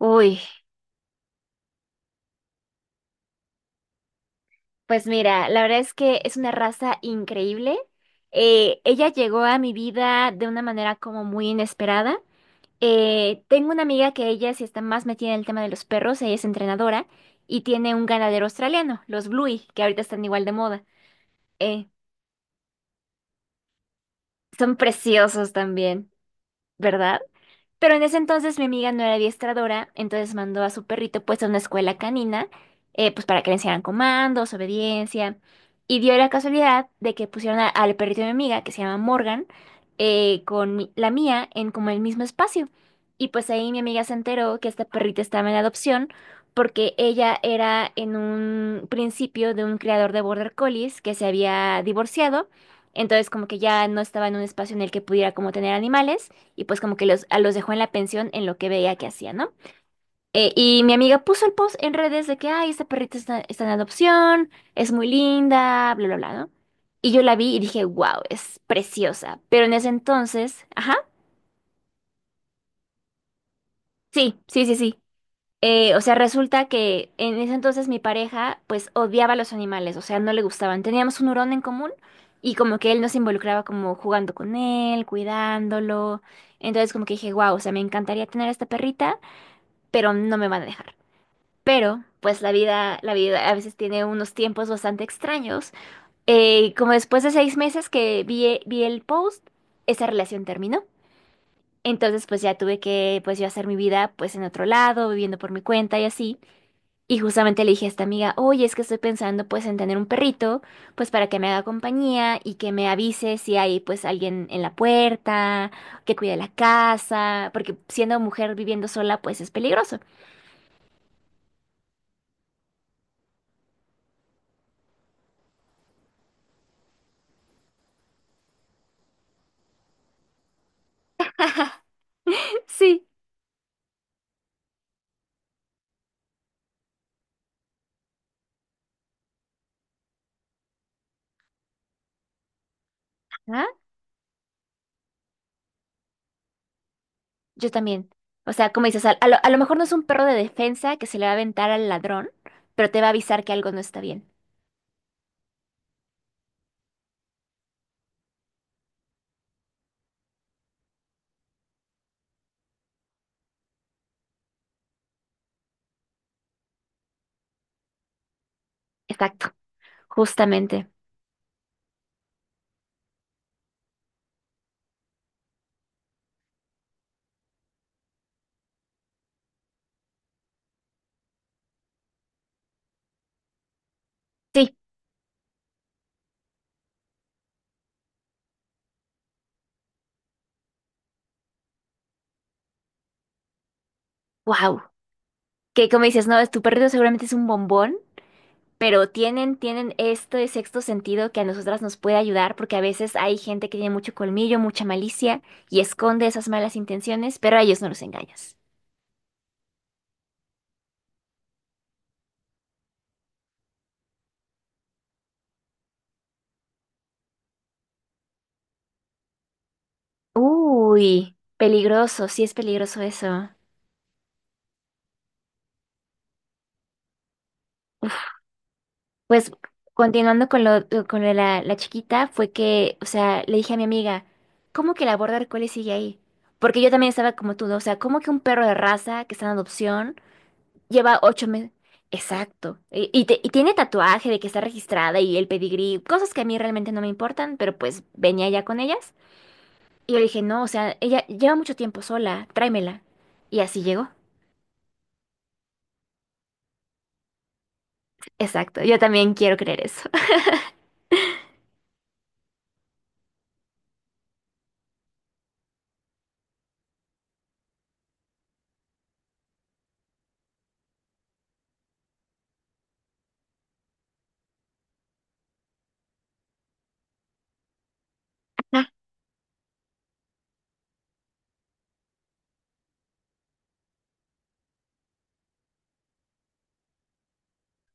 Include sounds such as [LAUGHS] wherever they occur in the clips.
Uy, pues mira, la verdad es que es una raza increíble. Ella llegó a mi vida de una manera como muy inesperada. Tengo una amiga que ella sí está más metida en el tema de los perros, ella es entrenadora y tiene un ganadero australiano, los Bluey, que ahorita están igual de moda. Eh, Son preciosos también, ¿verdad? Pero en ese entonces mi amiga no era adiestradora, entonces mandó a su perrito pues a una escuela canina, pues para que le enseñaran comandos, obediencia. Y dio la casualidad de que pusieron al perrito de mi amiga, que se llama Morgan, con la mía en como el mismo espacio. Y pues ahí mi amiga se enteró que esta perrita estaba en adopción porque ella era en un principio de un criador de border collies que se había divorciado, entonces como que ya no estaba en un espacio en el que pudiera como tener animales y pues como que los, a los dejó en la pensión en lo que veía que hacía, ¿no? Y mi amiga puso el post en redes de que, ay, esta perrita está en adopción, es muy linda, bla, bla, bla, ¿no? Y yo la vi y dije, wow, es preciosa. Pero en ese entonces, ajá, sí, sí, sí, sí. O sea, resulta que en ese entonces mi pareja pues odiaba a los animales, o sea, no le gustaban. Teníamos un hurón en común y como que él nos involucraba como jugando con él, cuidándolo. Entonces como que dije, wow, o sea, me encantaría tener esta perrita pero no me van a dejar. Pero, pues la vida a veces tiene unos tiempos bastante extraños. Y como después de 6 meses que vi el post, esa relación terminó. Entonces, pues ya tuve que, pues yo hacer mi vida, pues en otro lado, viviendo por mi cuenta y así. Y justamente le dije a esta amiga, oye, es que estoy pensando, pues, en tener un perrito, pues para que me haga compañía y que me avise si hay, pues, alguien en la puerta, que cuide la casa, porque siendo mujer viviendo sola, pues es peligroso. [LAUGHS] Sí. Yo también. O sea, como dices, a lo mejor no es un perro de defensa que se le va a aventar al ladrón, pero te va a avisar que algo no está bien. Exacto, justamente. Sí, wow. Que como dices, no, es tu perrito seguramente es un bombón pero tienen este sexto sentido que a nosotras nos puede ayudar, porque a veces hay gente que tiene mucho colmillo, mucha malicia y esconde esas malas intenciones, pero a ellos no los engañas. Uy, peligroso, sí es peligroso eso. Pues continuando con con lo de la chiquita, fue que, o sea, le dije a mi amiga, ¿cómo que la border collie sigue ahí? Porque yo también estaba como tú, ¿no? O sea, ¿cómo que un perro de raza que está en adopción? Lleva 8 meses. Exacto. Y tiene tatuaje de que está registrada y el pedigrí, cosas que a mí realmente no me importan, pero pues venía ya con ellas. Y yo dije, no, o sea, ella lleva mucho tiempo sola, tráemela. Y así llegó. Exacto. Yo también quiero creer eso. [LAUGHS]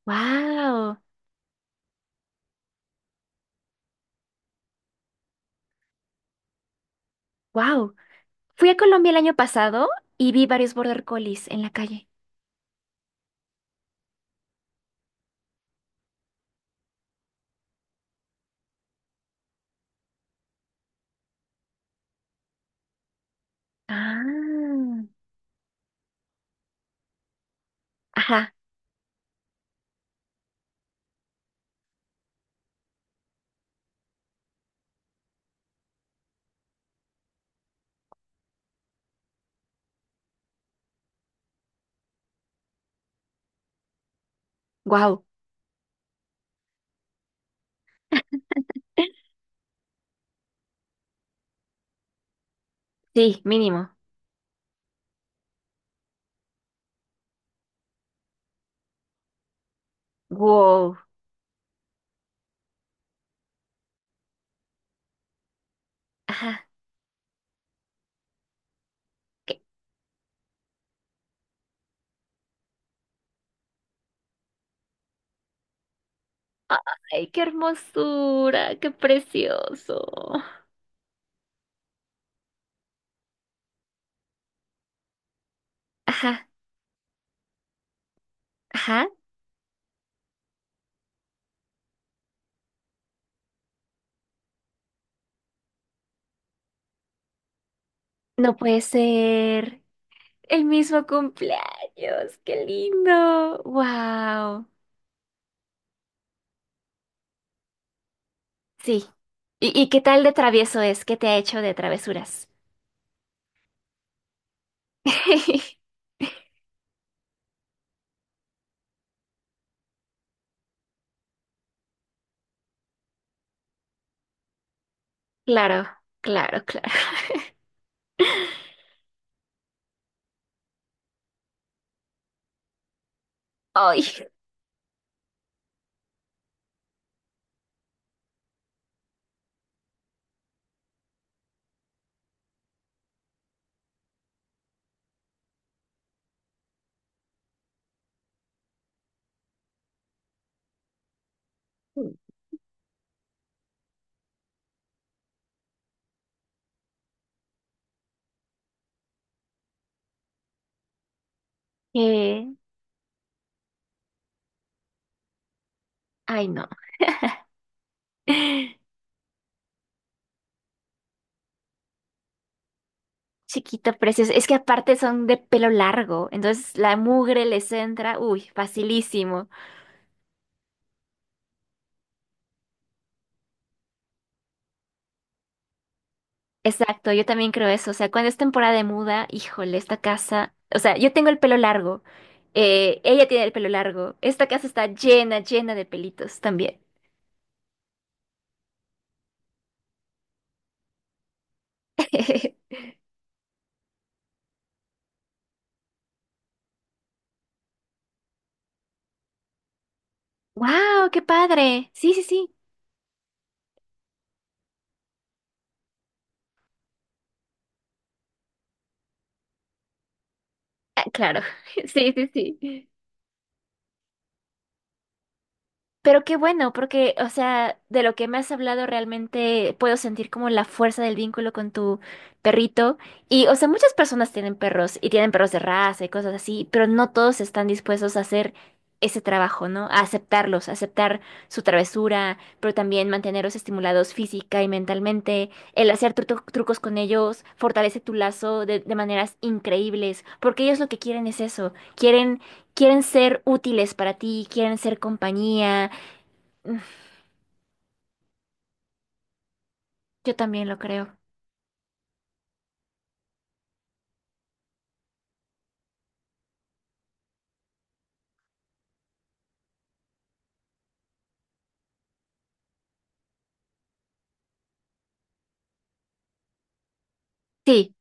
Wow, wow. Fui a Colombia el año pasado y vi varios border collies en la calle. Ah. Ajá, wow. Sí, mínimo. Wow. Ajá. Ay, qué hermosura, qué precioso. Ajá, ajá, no puede ser. El mismo cumpleaños, qué lindo. Wow. Sí. Y qué tal de travieso es? ¿Qué te ha hecho de travesuras? [LAUGHS] Claro, claro, claro. Ay, eh, ay, no. [GASPS] Chiquito, precioso. Es que aparte son de pelo largo, entonces la mugre les entra, uy, facilísimo. Exacto, yo también creo eso. O sea, cuando es temporada de muda, híjole, esta casa. O sea, yo tengo el pelo largo. Ella tiene el pelo largo. Esta casa está llena, llena de pelitos también. [LAUGHS] ¡Wow! ¡Qué padre! Sí, sí, sí. Ah, claro. [LAUGHS] Sí, sí, sí. Pero qué bueno, porque, o sea, de lo que me has hablado realmente puedo sentir como la fuerza del vínculo con tu perrito. Y, o sea, muchas personas tienen perros y tienen perros de raza y cosas así, pero no todos están dispuestos a hacer ese trabajo, ¿no? A aceptarlos, a aceptar su travesura, pero también mantenerlos estimulados física y mentalmente. El hacer trucos con ellos fortalece tu lazo de maneras increíbles, porque ellos lo que quieren es eso, quieren... Quieren ser útiles para ti, quieren ser compañía. Mm. Yo también lo creo. Sí,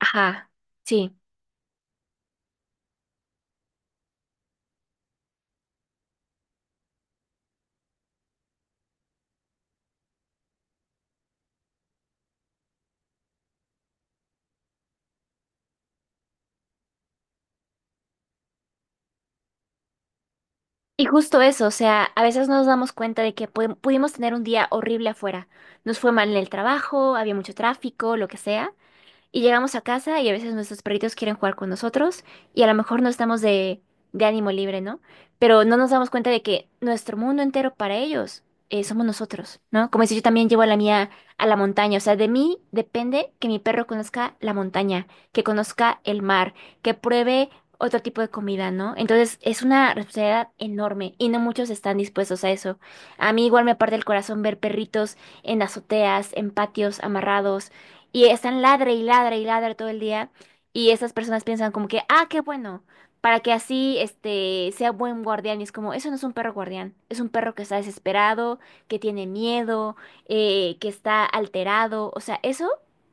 ajá, sí. Y justo eso, o sea, a veces nos damos cuenta de que pudimos tener un día horrible afuera. Nos fue mal en el trabajo, había mucho tráfico, lo que sea. Y llegamos a casa y a veces nuestros perritos quieren jugar con nosotros y a lo mejor no estamos de ánimo libre, ¿no? Pero no nos damos cuenta de que nuestro mundo entero para ellos somos nosotros, ¿no? Como si yo también llevo a la mía a la montaña, o sea, de mí depende que mi perro conozca la montaña, que conozca el mar, que pruebe otro tipo de comida, ¿no? Entonces es una responsabilidad enorme y no muchos están dispuestos a eso. A mí igual me parte el corazón ver perritos en azoteas, en patios amarrados y están ladre y ladre y ladre todo el día. Y esas personas piensan como que, ah, qué bueno, para que así este sea buen guardián. Y es como, eso no es un perro guardián, es un perro que está desesperado, que tiene miedo, que está alterado. O sea, eso,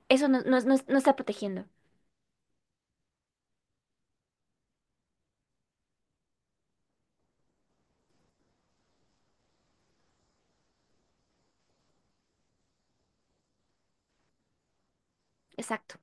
eso no está protegiendo. Exacto.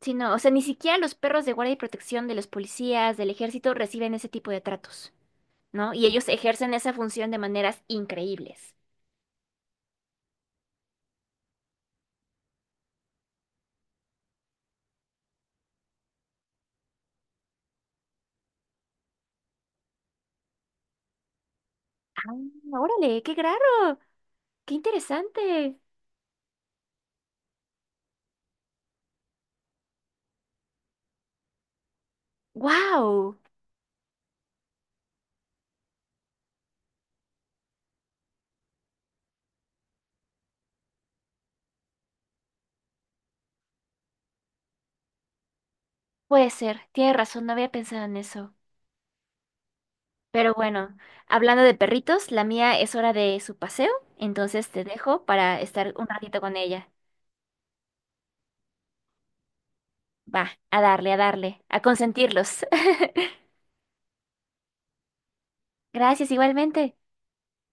Sí, no, o sea, ni siquiera los perros de guardia y protección de los policías, del ejército, reciben ese tipo de tratos, ¿no? Y ellos ejercen esa función de maneras increíbles. Ah, órale, qué raro, qué interesante. Wow, puede ser, tiene razón, no había pensado en eso. Pero bueno, hablando de perritos, la mía es hora de su paseo, entonces te dejo para estar un ratito con ella. Va, a darle, a darle, a consentirlos. [LAUGHS] Gracias igualmente.